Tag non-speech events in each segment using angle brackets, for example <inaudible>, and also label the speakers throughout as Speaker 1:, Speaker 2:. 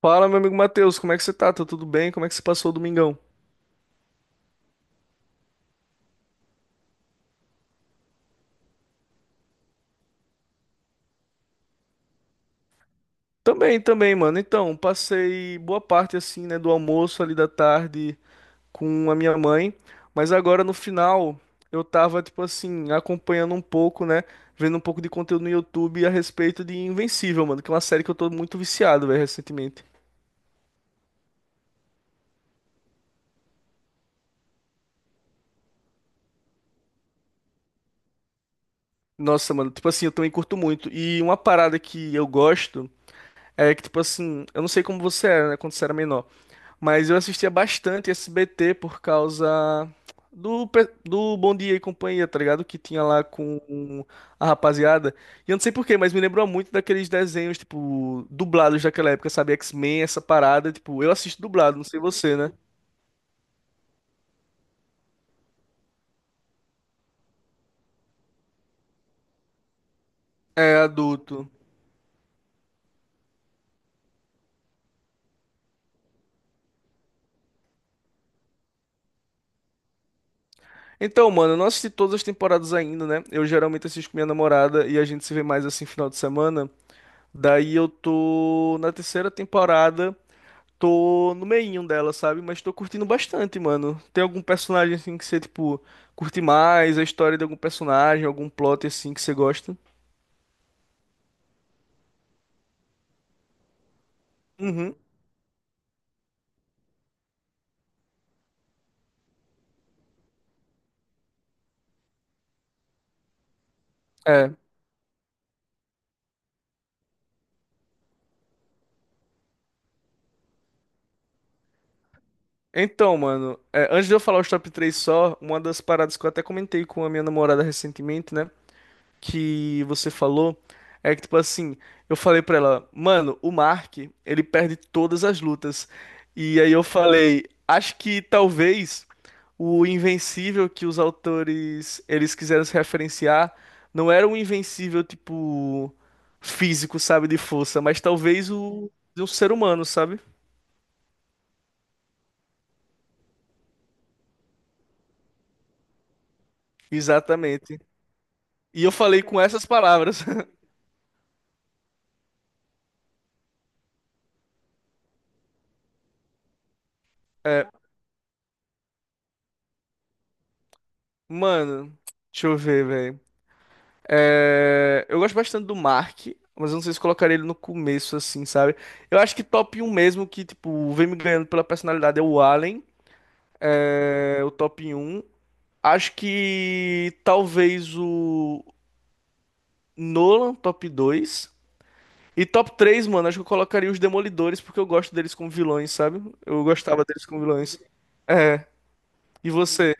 Speaker 1: Fala, meu amigo Matheus, como é que você tá? Tá tudo bem? Como é que você passou o domingão? Também, também, mano. Então, passei boa parte assim, né, do almoço ali da tarde com a minha mãe, mas agora no final eu tava tipo assim, acompanhando um pouco, né, vendo um pouco de conteúdo no YouTube a respeito de Invencível, mano, que é uma série que eu tô muito viciado, velho, recentemente. Nossa, mano, tipo assim, eu também curto muito. E uma parada que eu gosto é que tipo assim, eu não sei como você era, né, quando você era menor. Mas eu assistia bastante SBT por causa do Bom Dia e Companhia, tá ligado? Que tinha lá com a rapaziada. E eu não sei por quê, mas me lembrou muito daqueles desenhos, tipo, dublados daquela época, sabe? X-Men, essa parada. Tipo, eu assisto dublado, não sei você, né? É, adulto. Então, mano, eu não assisti todas as temporadas ainda, né? Eu geralmente assisto com minha namorada e a gente se vê mais assim final de semana. Daí eu tô na terceira temporada. Tô no meinho dela, sabe? Mas tô curtindo bastante, mano. Tem algum personagem assim que você, tipo, curte mais? A história de algum personagem, algum plot assim que você gosta? Uhum. É. Então, mano, é, antes de eu falar os top 3 só, uma das paradas que eu até comentei com a minha namorada recentemente, né, que você falou é que, tipo assim, eu falei pra ela, mano, o Mark, ele perde todas as lutas. E aí eu falei, acho que talvez o Invencível que os autores eles quiseram se referenciar não era um Invencível tipo físico, sabe, de força, mas talvez o de um ser humano, sabe? Exatamente. E eu falei com essas palavras. <laughs> Mano, deixa eu ver, velho. É, eu gosto bastante do Mark, mas eu não sei se colocaria ele no começo, assim, sabe? Eu acho que top um mesmo, que, tipo, vem me ganhando pela personalidade, é o Allen, é, o top um. Acho que talvez o Nolan, top dois. E top três, mano, acho que eu colocaria os Demolidores, porque eu gosto deles como vilões, sabe? Eu gostava deles como vilões. É, e você?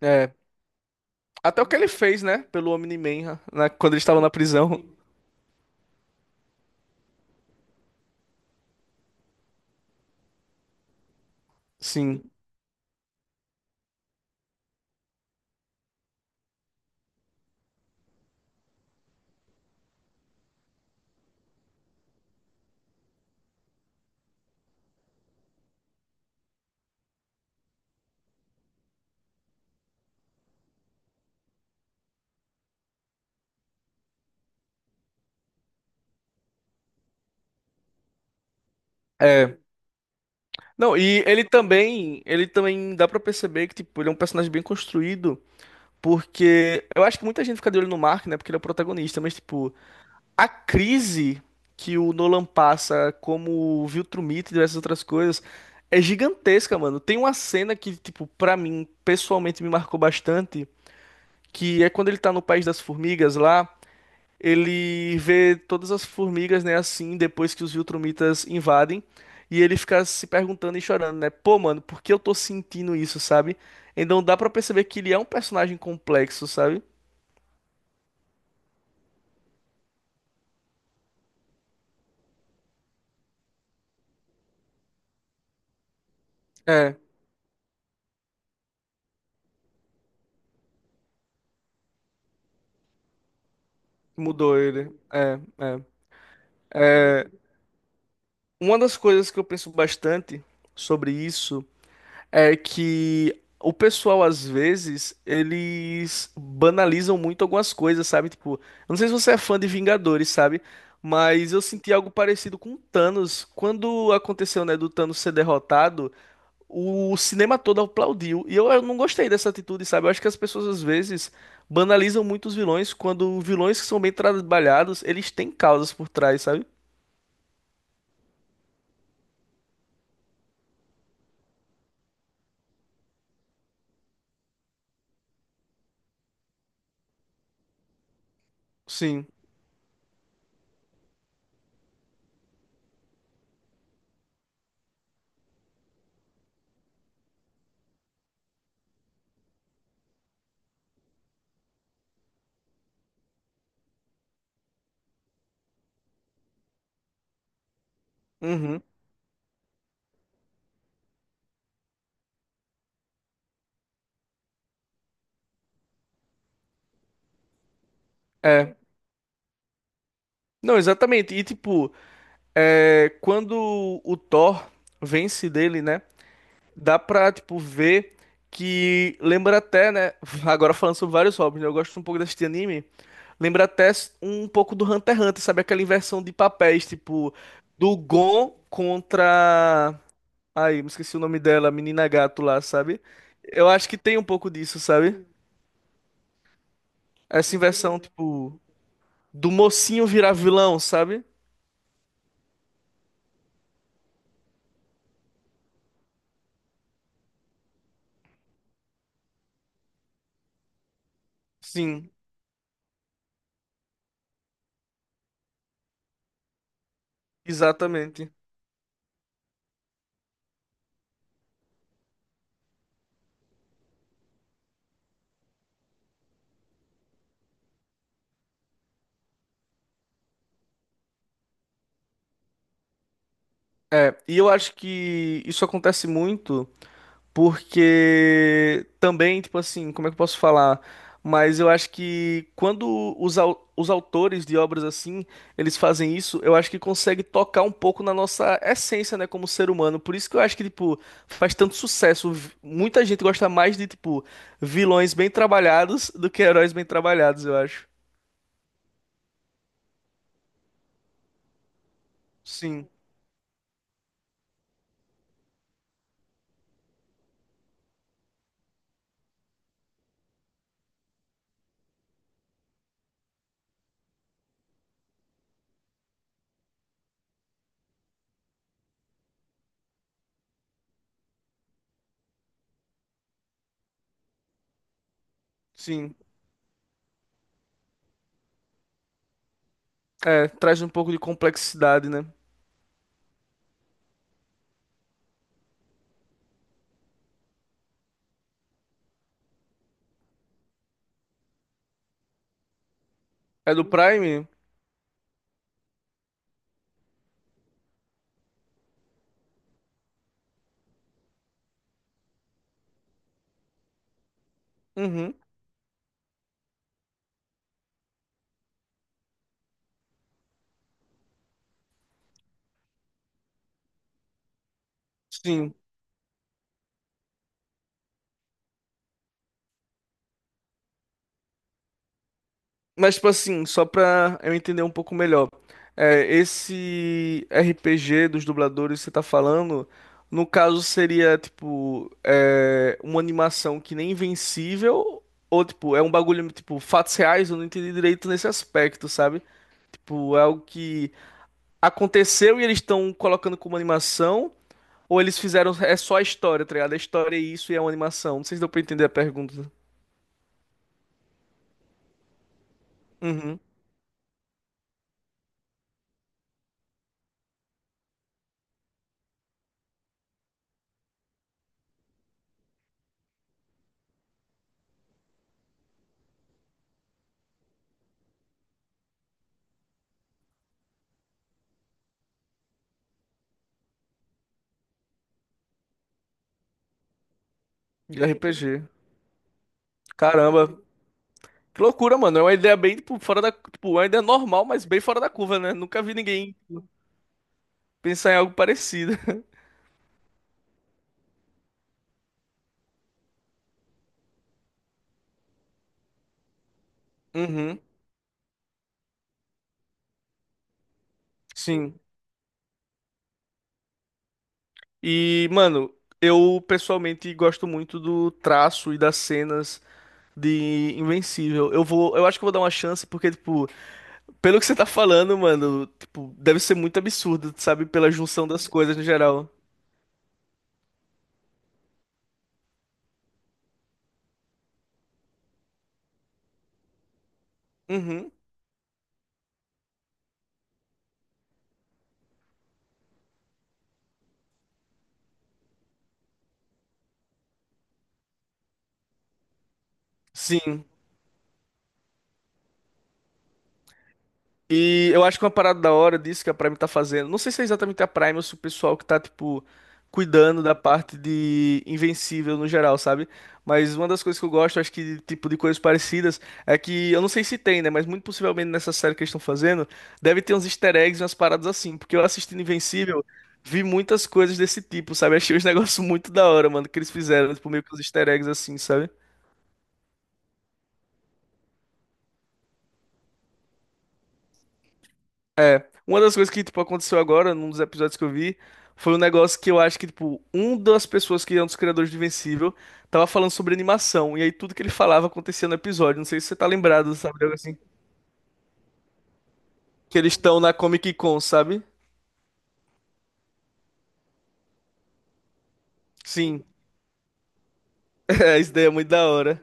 Speaker 1: É, até o que ele fez, né, pelo Omni-Man, né, quando eles estavam na prisão. Sim. É. Não, e ele também dá pra perceber que tipo, ele é um personagem bem construído, porque eu acho que muita gente fica de olho no Mark, né, porque ele é o protagonista, mas tipo, a crise que o Nolan passa como viu Viltrumite e diversas outras coisas é gigantesca, mano. Tem uma cena que tipo, pra mim, pessoalmente me marcou bastante, que é quando ele tá no País das Formigas lá, ele vê todas as formigas, né, assim, depois que os Viltrumitas invadem, e ele fica se perguntando e chorando, né? Pô, mano, por que eu tô sentindo isso, sabe? Então dá pra perceber que ele é um personagem complexo, sabe? É, mudou ele. É, é. Uma das coisas que eu penso bastante sobre isso é que o pessoal, às vezes, eles banalizam muito algumas coisas, sabe? Tipo, eu não sei se você é fã de Vingadores, sabe? Mas eu senti algo parecido com Thanos. Quando aconteceu, né, do Thanos ser derrotado, o cinema todo aplaudiu. E eu não gostei dessa atitude, sabe? Eu acho que as pessoas, às vezes, banalizam muito os vilões, quando vilões que são bem trabalhados, eles têm causas por trás, sabe? Sim. Uhum. É. Não, exatamente. E tipo. É, quando o Thor vence dele, né? Dá pra, tipo, ver que lembra até, né? <laughs> Agora falando sobre vários hobbies, né? Eu gosto um pouco desse anime. Lembra até um pouco do Hunter x Hunter, sabe? Aquela inversão de papéis, tipo, do Gon contra. Ai, me esqueci o nome dela, a menina gato lá, sabe? Eu acho que tem um pouco disso, sabe? Essa inversão, tipo, do mocinho virar vilão, sabe? Sim, exatamente. É, e eu acho que isso acontece muito porque também, tipo assim, como é que eu posso falar? Mas eu acho que quando os autores de obras assim, eles fazem isso, eu acho que consegue tocar um pouco na nossa essência, né, como ser humano. Por isso que eu acho que, tipo, faz tanto sucesso. Muita gente gosta mais de, tipo, vilões bem trabalhados do que heróis bem trabalhados, eu acho. Sim, sim. É, traz um pouco de complexidade, né? É do Prime? Uhum. Sim. Mas, tipo assim, só pra eu entender um pouco melhor. É, esse RPG dos dubladores que você tá falando, no caso seria, tipo, é, uma animação que nem Invencível, ou, tipo, é um bagulho, tipo, fatos reais, eu não entendi direito nesse aspecto, sabe? Tipo, é algo que aconteceu e eles estão colocando como animação, ou eles fizeram, é só a história, tá ligado? A história é isso e é uma animação. Não sei se deu pra entender a pergunta. Uhum. De RPG. Caramba, que loucura, mano. É uma ideia bem, tipo, fora da. Tipo, uma ideia normal, mas bem fora da curva, né? Nunca vi ninguém pensar em algo parecido. <laughs> Uhum, sim. E, mano, eu pessoalmente gosto muito do traço e das cenas de Invencível. Eu acho que eu vou dar uma chance porque, tipo, pelo que você tá falando, mano, tipo, deve ser muito absurdo, sabe? Pela junção das coisas no geral. Uhum, sim. E eu acho que uma parada da hora disso que a Prime tá fazendo, não sei se é exatamente a Prime ou se o pessoal que tá, tipo, cuidando da parte de Invencível no geral, sabe? Mas uma das coisas que eu gosto, acho que, tipo, de coisas parecidas, é que, eu não sei se tem, né? Mas muito possivelmente nessa série que eles estão fazendo, deve ter uns easter eggs e umas paradas assim, porque eu assistindo Invencível, vi muitas coisas desse tipo, sabe? Achei os <laughs> negócios muito da hora, mano, que eles fizeram, tipo, meio que uns easter eggs assim, sabe? Uma das coisas que, tipo, aconteceu agora, num dos episódios que eu vi, foi um negócio que eu acho que, tipo, um das pessoas que é um dos criadores de Invencível tava falando sobre animação, e aí tudo que ele falava acontecia no episódio. Não sei se você tá lembrado, sabe? De algo assim. Que eles estão na Comic Con, sabe? Sim. <laughs> É, isso daí é muito da hora.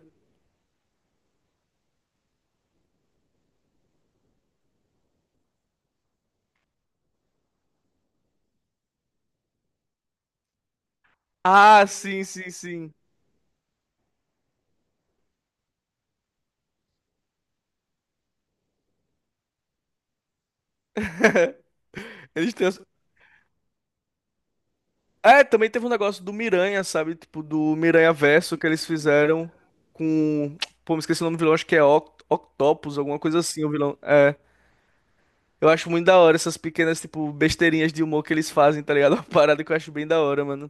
Speaker 1: Ah, sim, sim, sim. Eles têm. É, também teve um negócio do Miranha, sabe? Tipo, do Miranha Verso que eles fizeram com. Pô, me esqueci o nome do vilão, acho que é Octopus, alguma coisa assim, o vilão. É. Eu acho muito da hora essas pequenas, tipo, besteirinhas de humor que eles fazem, tá ligado? <laughs> Uma parada que eu acho bem da hora, mano.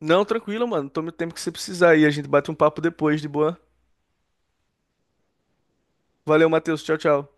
Speaker 1: Não, tranquilo, mano. Tome o tempo que você precisar aí. A gente bate um papo depois, de boa. Valeu, Matheus. Tchau, tchau.